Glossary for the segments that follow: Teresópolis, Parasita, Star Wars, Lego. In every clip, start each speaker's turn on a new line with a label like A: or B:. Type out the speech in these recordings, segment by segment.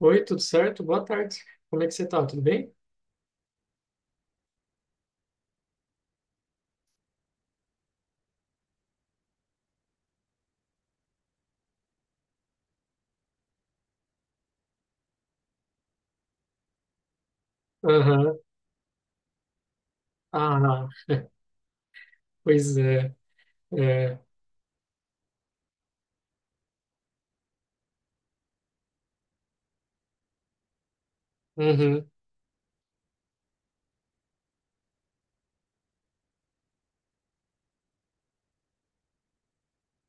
A: Oi, tudo certo? Boa tarde. Como é que você tá? Tudo bem? Aham. Ah, pois é. É. Uhum.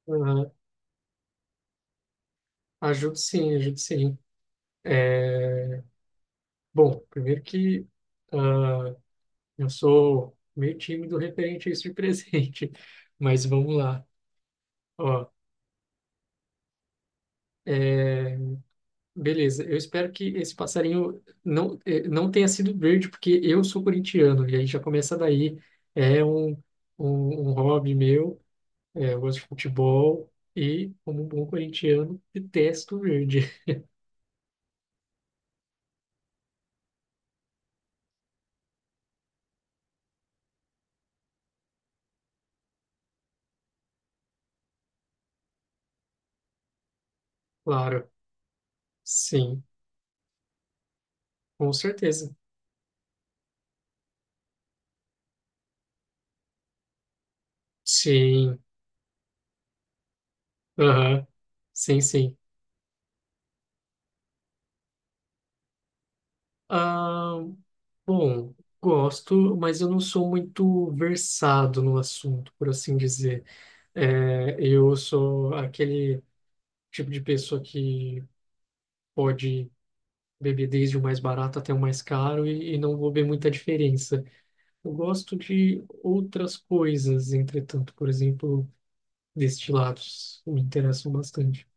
A: Aham. Ajudo sim, ajudo sim. É, Bom, primeiro que ah, eu sou meio tímido referente a isso de presente, mas vamos lá. Ó, é, beleza, eu espero que esse passarinho não, não tenha sido verde, porque eu sou corintiano, e aí já começa daí. É um hobby meu. É, eu gosto de futebol e, como um bom corintiano, detesto o verde. Claro. Sim, com certeza. Sim. Aham. Sim, sim. Ah, bom, gosto, mas eu não sou muito versado no assunto, por assim dizer. É, eu sou aquele tipo de pessoa que pode beber desde o mais barato até o mais caro e não vou ver muita diferença. Eu gosto de outras coisas, entretanto, por exemplo. Destilados me interessam bastante.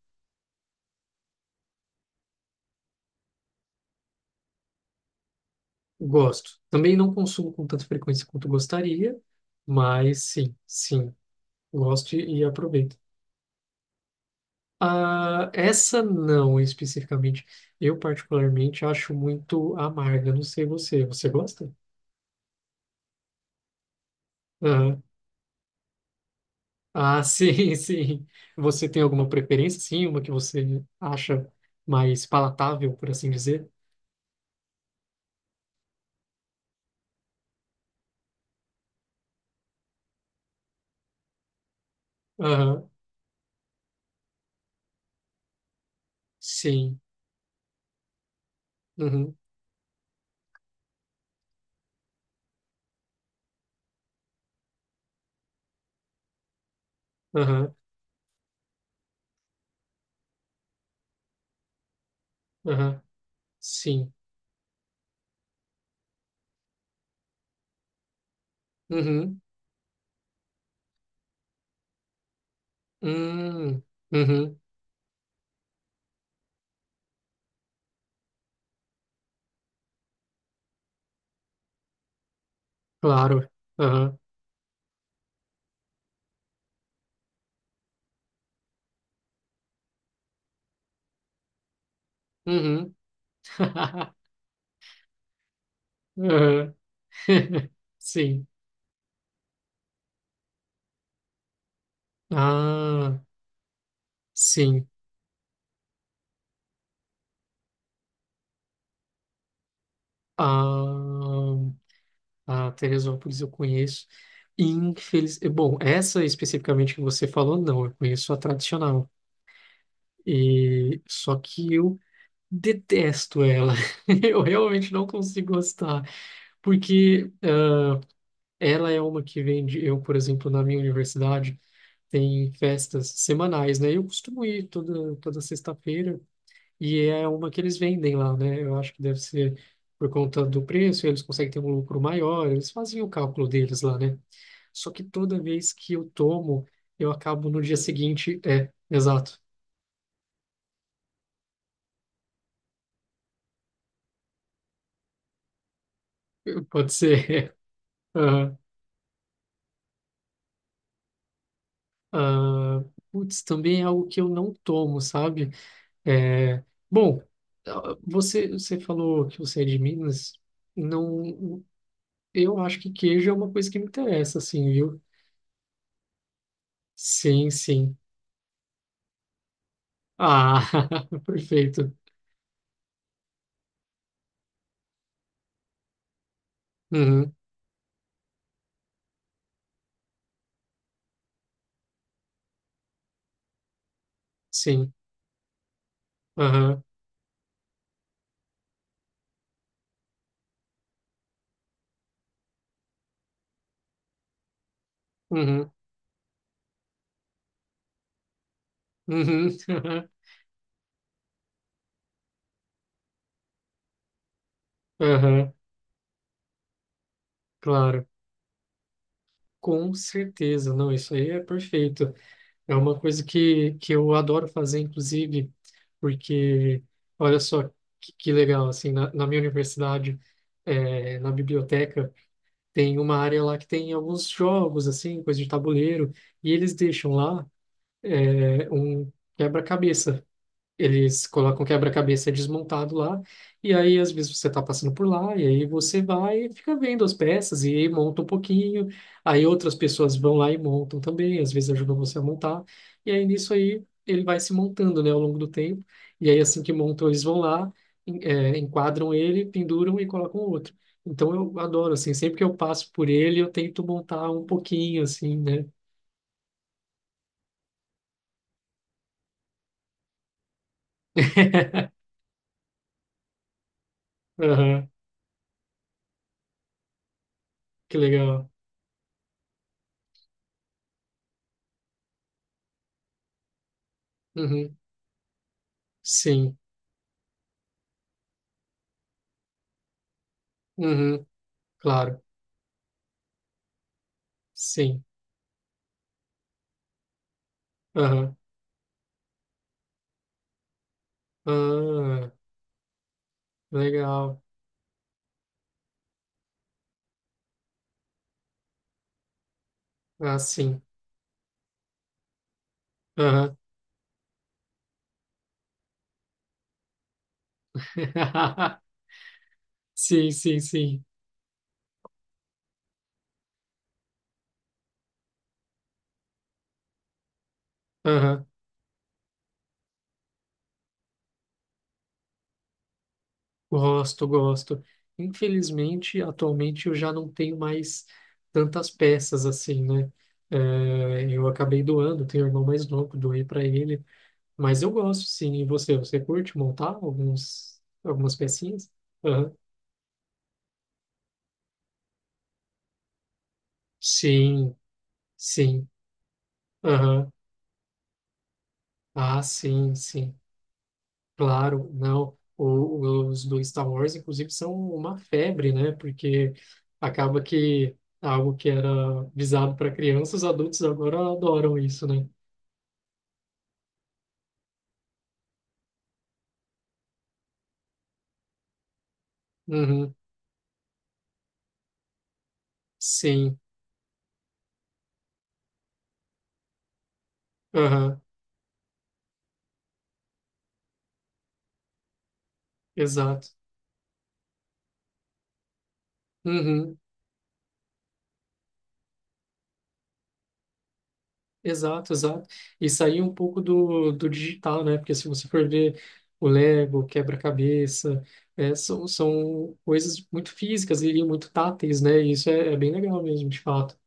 A: Gosto. Também não consumo com tanta frequência quanto gostaria, mas sim, sim, gosto e aproveito. Ah, essa não especificamente. Eu particularmente acho muito amarga. Não sei você. Você gosta? Ah, ah, sim, sim. Você tem alguma preferência? Sim, uma que você acha mais palatável, por assim dizer? Aham, sim. Uhum, aham, aham, sim. Uhum. Hum, uhum, claro. Aham, uhum, aham, Sim. Ah, sim. Ah, a Teresópolis eu conheço. Bom, essa especificamente que você falou, não. Eu conheço a tradicional. E... Só que eu detesto ela. Eu realmente não consigo gostar. Porque ela é uma que vende... Eu, por exemplo, na minha universidade, tem festas semanais, né? Eu costumo ir toda sexta-feira e é uma que eles vendem lá, né? Eu acho que deve ser por conta do preço, eles conseguem ter um lucro maior, eles fazem o cálculo deles lá, né? Só que toda vez que eu tomo, eu acabo no dia seguinte. É, exato. Pode ser. Ah, ah, putz, também é algo que eu não tomo, sabe? É, bom, você, você falou que você é de Minas. Não, eu acho que queijo é uma coisa que me interessa, assim, viu? Sim, sim. Ah, perfeito. Uhum, sim. Aham, uhum, uhum, aham, claro. Com certeza. Não, isso aí é perfeito. É uma coisa que eu adoro fazer, inclusive, porque, olha só, que legal, assim, na minha universidade, na biblioteca, tem uma área lá que tem alguns jogos, assim, coisa de tabuleiro, e eles deixam lá um quebra-cabeça. Eles colocam o quebra-cabeça desmontado lá, e aí às vezes você está passando por lá, e aí você vai e fica vendo as peças e aí monta um pouquinho, aí outras pessoas vão lá e montam também, às vezes ajudam você a montar, e aí nisso aí ele vai se montando, né, ao longo do tempo, e aí assim que montam eles vão lá, enquadram ele, penduram e colocam outro. Então eu adoro, assim, sempre que eu passo por ele, eu tento montar um pouquinho, assim, né? Aham, que legal. Uhum. Sim. Uhum. Claro. Sim. Aham. Ah, legal. Ah, sim. Aham. Sim, sim, sim. Aham. Gosto, gosto. Infelizmente, atualmente eu já não tenho mais tantas peças assim, né? É, eu acabei doando, tenho um irmão mais novo, doei para ele. Mas eu gosto, sim. E você? Você curte montar alguns, algumas pecinhas? Aham. Sim, sim. Aham. Ah, sim, sim. Claro, não. O- os do Star Wars, inclusive, são uma febre, né? Porque acaba que algo que era visado para crianças, adultos agora adoram isso, né? Uhum, sim, aham, exato. Uhum, exato, exato. E sair um pouco do, do digital, né? Porque se você for ver o Lego, o quebra-cabeça, é, são coisas muito físicas e muito táteis, né? E isso é, é bem legal mesmo, de fato.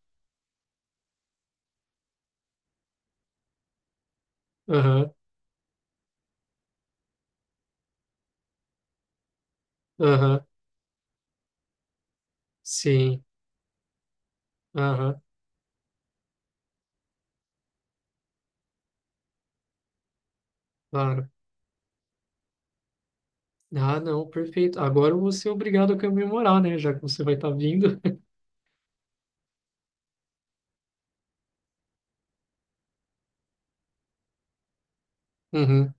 A: Aham, aham, sim. Aham, claro. Ah, não, perfeito. Agora eu vou ser obrigado a comemorar, né? Já que você vai estar vindo. Uhum.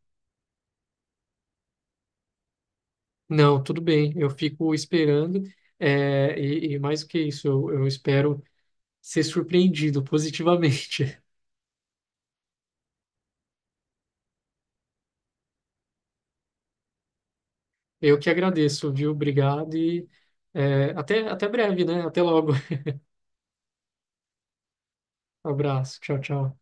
A: Não, tudo bem. Eu fico esperando. É, e mais do que isso, eu espero ser surpreendido positivamente. Eu que agradeço, viu? Obrigado e é, até breve, né? Até logo. Abraço. Tchau, tchau.